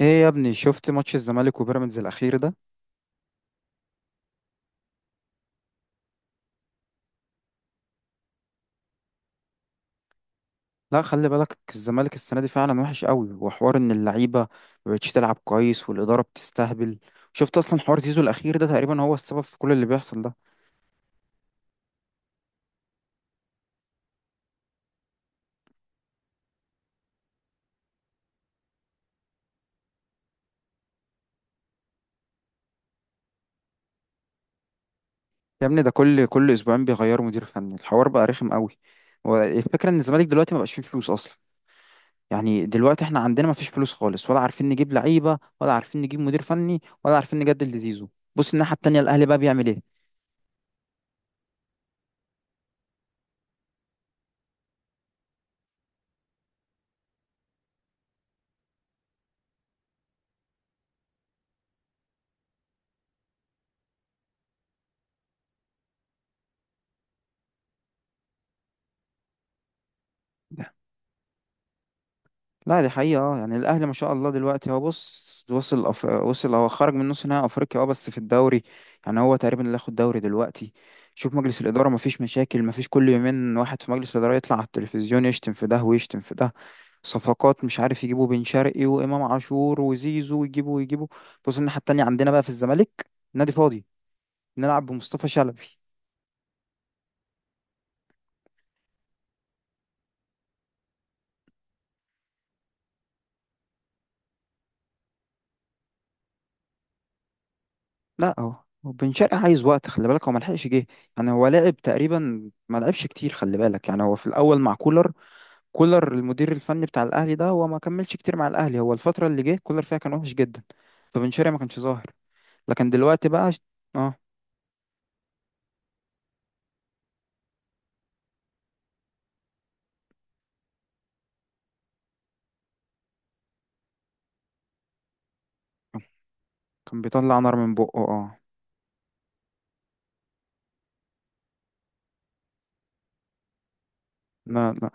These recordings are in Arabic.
ايه يا ابني، شفت ماتش الزمالك وبيراميدز الاخير ده؟ لا خلي بالك، الزمالك السنه دي فعلا وحش قوي، وحوار ان اللعيبه ما بقتش تلعب كويس والاداره بتستهبل. شفت اصلا حوار زيزو الاخير ده؟ تقريبا هو السبب في كل اللي بيحصل ده. يا ابني ده كل اسبوعين بيغيروا مدير فني، الحوار بقى رخم قوي. والفكره ان الزمالك دلوقتي ما بقاش فيه فلوس اصلا. يعني دلوقتي احنا عندنا ما فيش فلوس خالص، ولا عارفين نجيب لعيبه، ولا عارفين نجيب مدير فني، ولا عارفين نجدد لزيزو. بص الناحيه التانيه الاهلي بقى بيعمل ايه؟ لا دي حقيقة، اه يعني الأهلي ما شاء الله دلوقتي، هو بص وصل وصل، هو خرج من نص نهائي أفريقيا، اه بس في الدوري يعني هو تقريبا اللي ياخد دوري دلوقتي. شوف مجلس الإدارة ما فيش مشاكل، ما فيش كل يومين واحد في مجلس الإدارة يطلع على التلفزيون يشتم في ده ويشتم في ده. صفقات مش عارف يجيبوا بن شرقي وإمام عاشور وزيزو، ويجيبوا ويجيبوا. بص الناحية التانية عندنا بقى في الزمالك نادي فاضي، نلعب بمصطفى شلبي. لا اهو. وبن شرقي عايز وقت، خلي بالك هو ملحقش جه. يعني هو لعب تقريبا ما لعبش كتير، خلي بالك يعني هو في الاول مع كولر، كولر المدير الفني بتاع الاهلي ده، هو ما كملش كتير مع الاهلي، هو الفتره اللي جه كولر فيها كان وحش جدا. فبن شرقي ما كانش ظاهر، لكن دلوقتي بقى اه كان بيطلع نار من بقه اه. لا لا،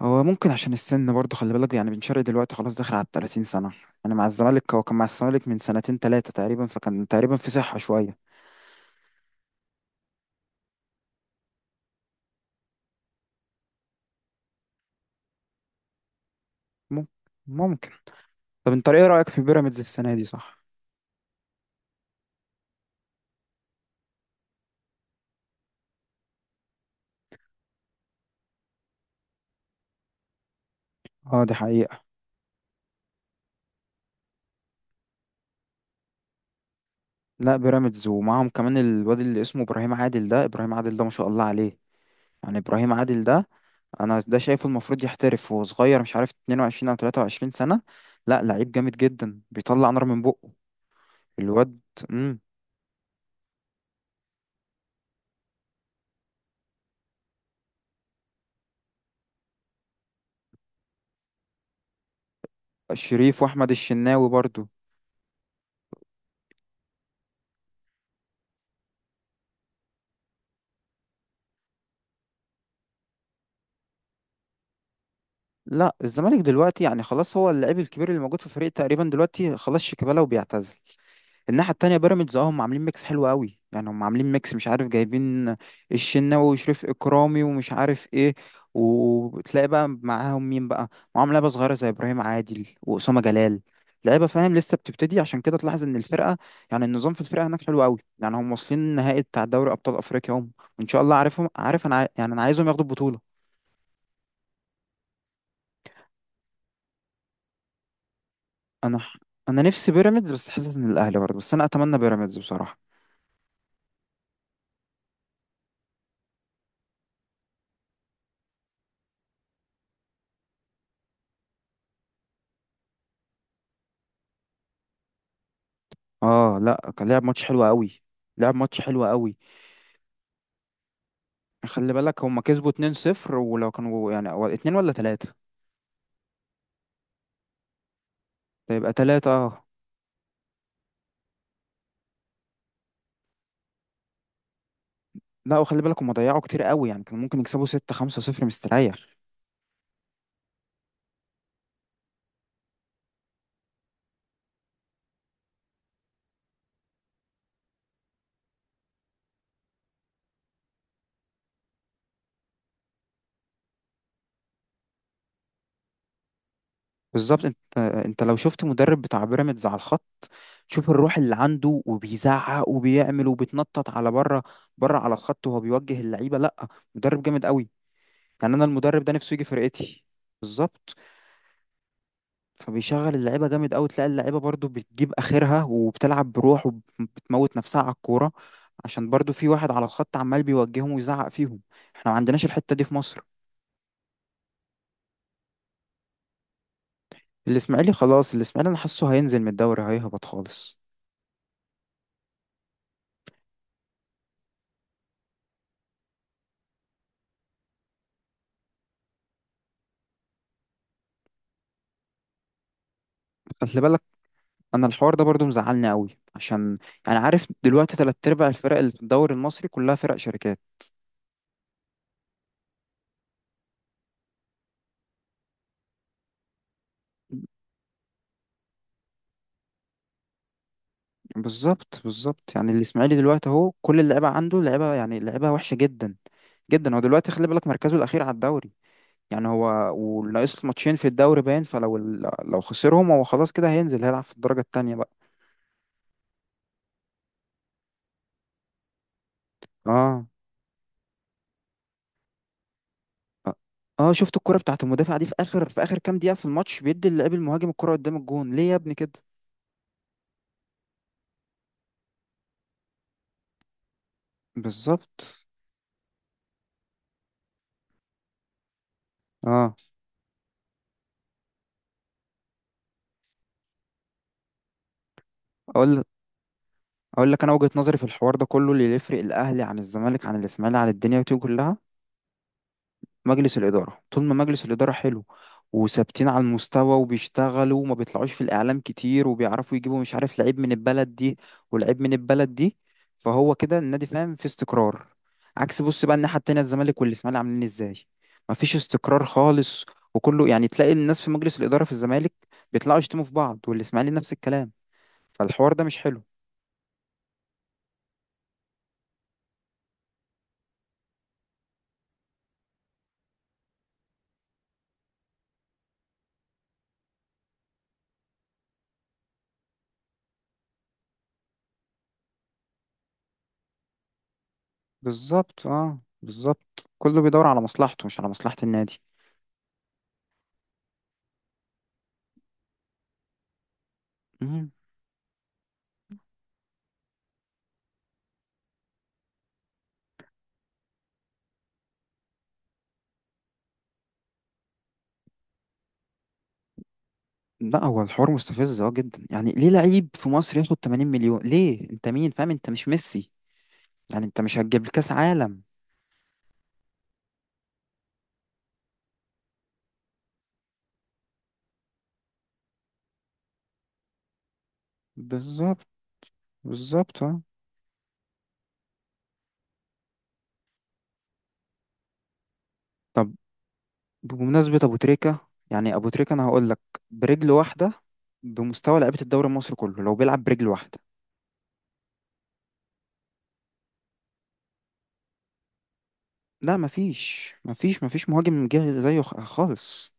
هو ممكن عشان السن برضه، خلي بالك يعني بن شرقي دلوقتي خلاص داخل على 30 سنه. يعني مع الزمالك هو كان مع الزمالك من سنتين ثلاثه تقريبا، فكان تقريبا في صحه شويه. مم- ممكن. طب انت ايه رايك في بيراميدز السنه دي؟ صح اه دي حقيقه. لا بيراميدز، ومعاهم كمان الواد اللي اسمه ابراهيم عادل ده، ابراهيم عادل ده ما شاء الله عليه. يعني ابراهيم عادل ده انا ده شايفه المفروض يحترف وهو صغير، مش عارف 22 او 23 سنة. لا لعيب جامد جدا بيطلع نار من بقه الواد. امم شريف واحمد الشناوي برضو. لا الزمالك دلوقتي يعني خلاص، هو اللعيب الكبير اللي موجود في الفريق تقريبا دلوقتي خلاص شيكابالا وبيعتزل. الناحية التانية بيراميدز اه هم عاملين ميكس حلو قوي، يعني هم عاملين ميكس مش عارف، جايبين الشناوي وشريف إكرامي ومش عارف ايه، وتلاقي بقى معاهم مين بقى؟ معاهم لعيبة صغيرة زي إبراهيم عادل وأسامة جلال، لعيبة فاهم لسه بتبتدي. عشان كده تلاحظ ان الفرقة، يعني النظام في الفرقة هناك حلو قوي، يعني هم واصلين النهائي بتاع دوري أبطال أفريقيا هم. وإن شاء الله عارفهم، عارف انا يعني انا عايزهم ياخدوا البطولة. انا ح- انا نفسي بيراميدز، بس حاسس ان الأهلي برضه، بس انا اتمنى بيراميدز بصراحة. اه لا كان لعب ماتش حلو قوي، لعب ماتش حلو قوي. خلي بالك هم كسبوا 2-0، ولو كانوا يعني اتنين ولا تلاتة، فيبقى تلاتة اه. لا وخلي بالك هم ضيعوا كتير قوي، يعني كانوا ممكن يكسبوا 6-5-0 مستريح. بالظبط، انت انت لو شفت مدرب بتاع بيراميدز على الخط، شوف الروح اللي عنده، وبيزعق وبيعمل وبيتنطط على بره، بره على الخط، وهو بيوجه اللعيبة. لا مدرب جامد قوي، يعني انا المدرب ده نفسه يجي فرقتي. بالظبط. فبيشغل اللعيبه جامد قوي، تلاقي اللعيبه برضو بتجيب اخرها وبتلعب بروح، وبتموت نفسها على الكوره، عشان برضو في واحد على الخط عمال بيوجههم ويزعق فيهم. احنا ما عندناش الحته دي في مصر. الاسماعيلي خلاص، الاسماعيلي انا حاسه هينزل من الدوري، هيهبط خالص. خلي بالك، انا الحوار ده برضو مزعلني قوي، عشان يعني عارف دلوقتي تلات ارباع الفرق اللي في الدوري المصري كلها فرق شركات. بالظبط بالظبط، يعني الاسماعيلي دلوقتي اهو كل اللعيبه عنده لعيبه، يعني لعيبه وحشه جدا جدا. هو دلوقتي خلي بالك مركزه الاخير على الدوري. يعني هو وناقص له ماتشين في الدوري، باين لو خسرهم هو خلاص كده هينزل، هيلعب في الدرجة التانية بقى. اه اه آه، شفت الكرة بتاعت المدافع دي في اخر، في اخر كام دقيقة في الماتش بيدي اللاعب المهاجم الكرة قدام الجون، ليه يا ابني كده؟ بالظبط اه. اقول اقول لك انا وجهة نظري في الحوار ده كله، اللي يفرق الاهلي عن الزمالك عن الاسماعيلي عن الدنيا دي كلها، مجلس الإدارة. طول ما مجلس الإدارة حلو وثابتين على المستوى، وبيشتغلوا، وما بيطلعوش في الإعلام كتير، وبيعرفوا يجيبوا مش عارف لعيب من البلد دي ولعيب من البلد دي، فهو كده النادي فاهم في استقرار. عكس بص بقى الناحية التانية الزمالك والإسماعيلي عاملين إزاي، مفيش استقرار خالص. وكله يعني تلاقي الناس في مجلس الإدارة في الزمالك بيطلعوا يشتموا في بعض، والإسماعيلي نفس الكلام، فالحوار ده مش حلو. بالظبط اه بالظبط، كله بيدور على مصلحته مش على مصلحة النادي. لا هو الحوار مستفز اه جدا، يعني ليه لعيب في مصر ياخد 80 مليون؟ ليه انت مين فاهم؟ انت مش ميسي، يعني انت مش هتجيب كاس عالم. بالظبط بالظبط اه. طب بمناسبة ابو تريكة، يعني ابو تريكة انا هقول لك برجل واحدة بمستوى لعيبة الدوري المصري كله لو بيلعب برجل واحدة. لا مفيش مهاجم جه زيه خالص.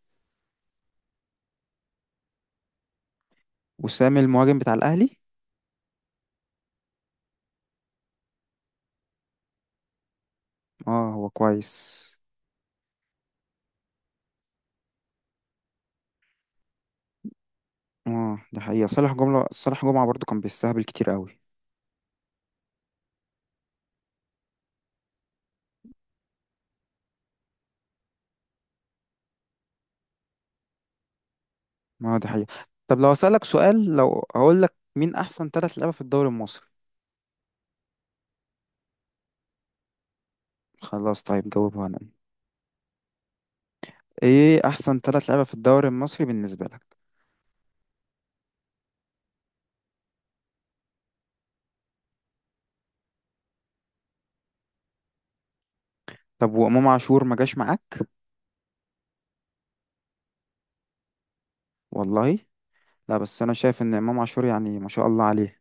وسام المهاجم بتاع الاهلي اه هو كويس. اه ده حقيقة، صالح جمعة، صالح جمعة برضو كان بيستهبل كتير قوي. ما هو دي حقيقة. طب لو أسألك سؤال، لو هقول لك مين أحسن ثلاث لعيبة في الدوري المصري؟ خلاص طيب جاوبها أنا، إيه أحسن ثلاث لعيبة في الدوري المصري بالنسبة لك؟ طب وإمام عاشور ما جاش معاك؟ والله لا، بس أنا شايف إن إمام عاشور يعني ما شاء الله عليه.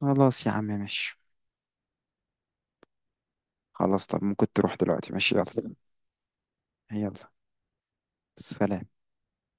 خلاص يا عم ماشي. خلاص طب ممكن تروح دلوقتي، ماشي، يلا. يلا سلام.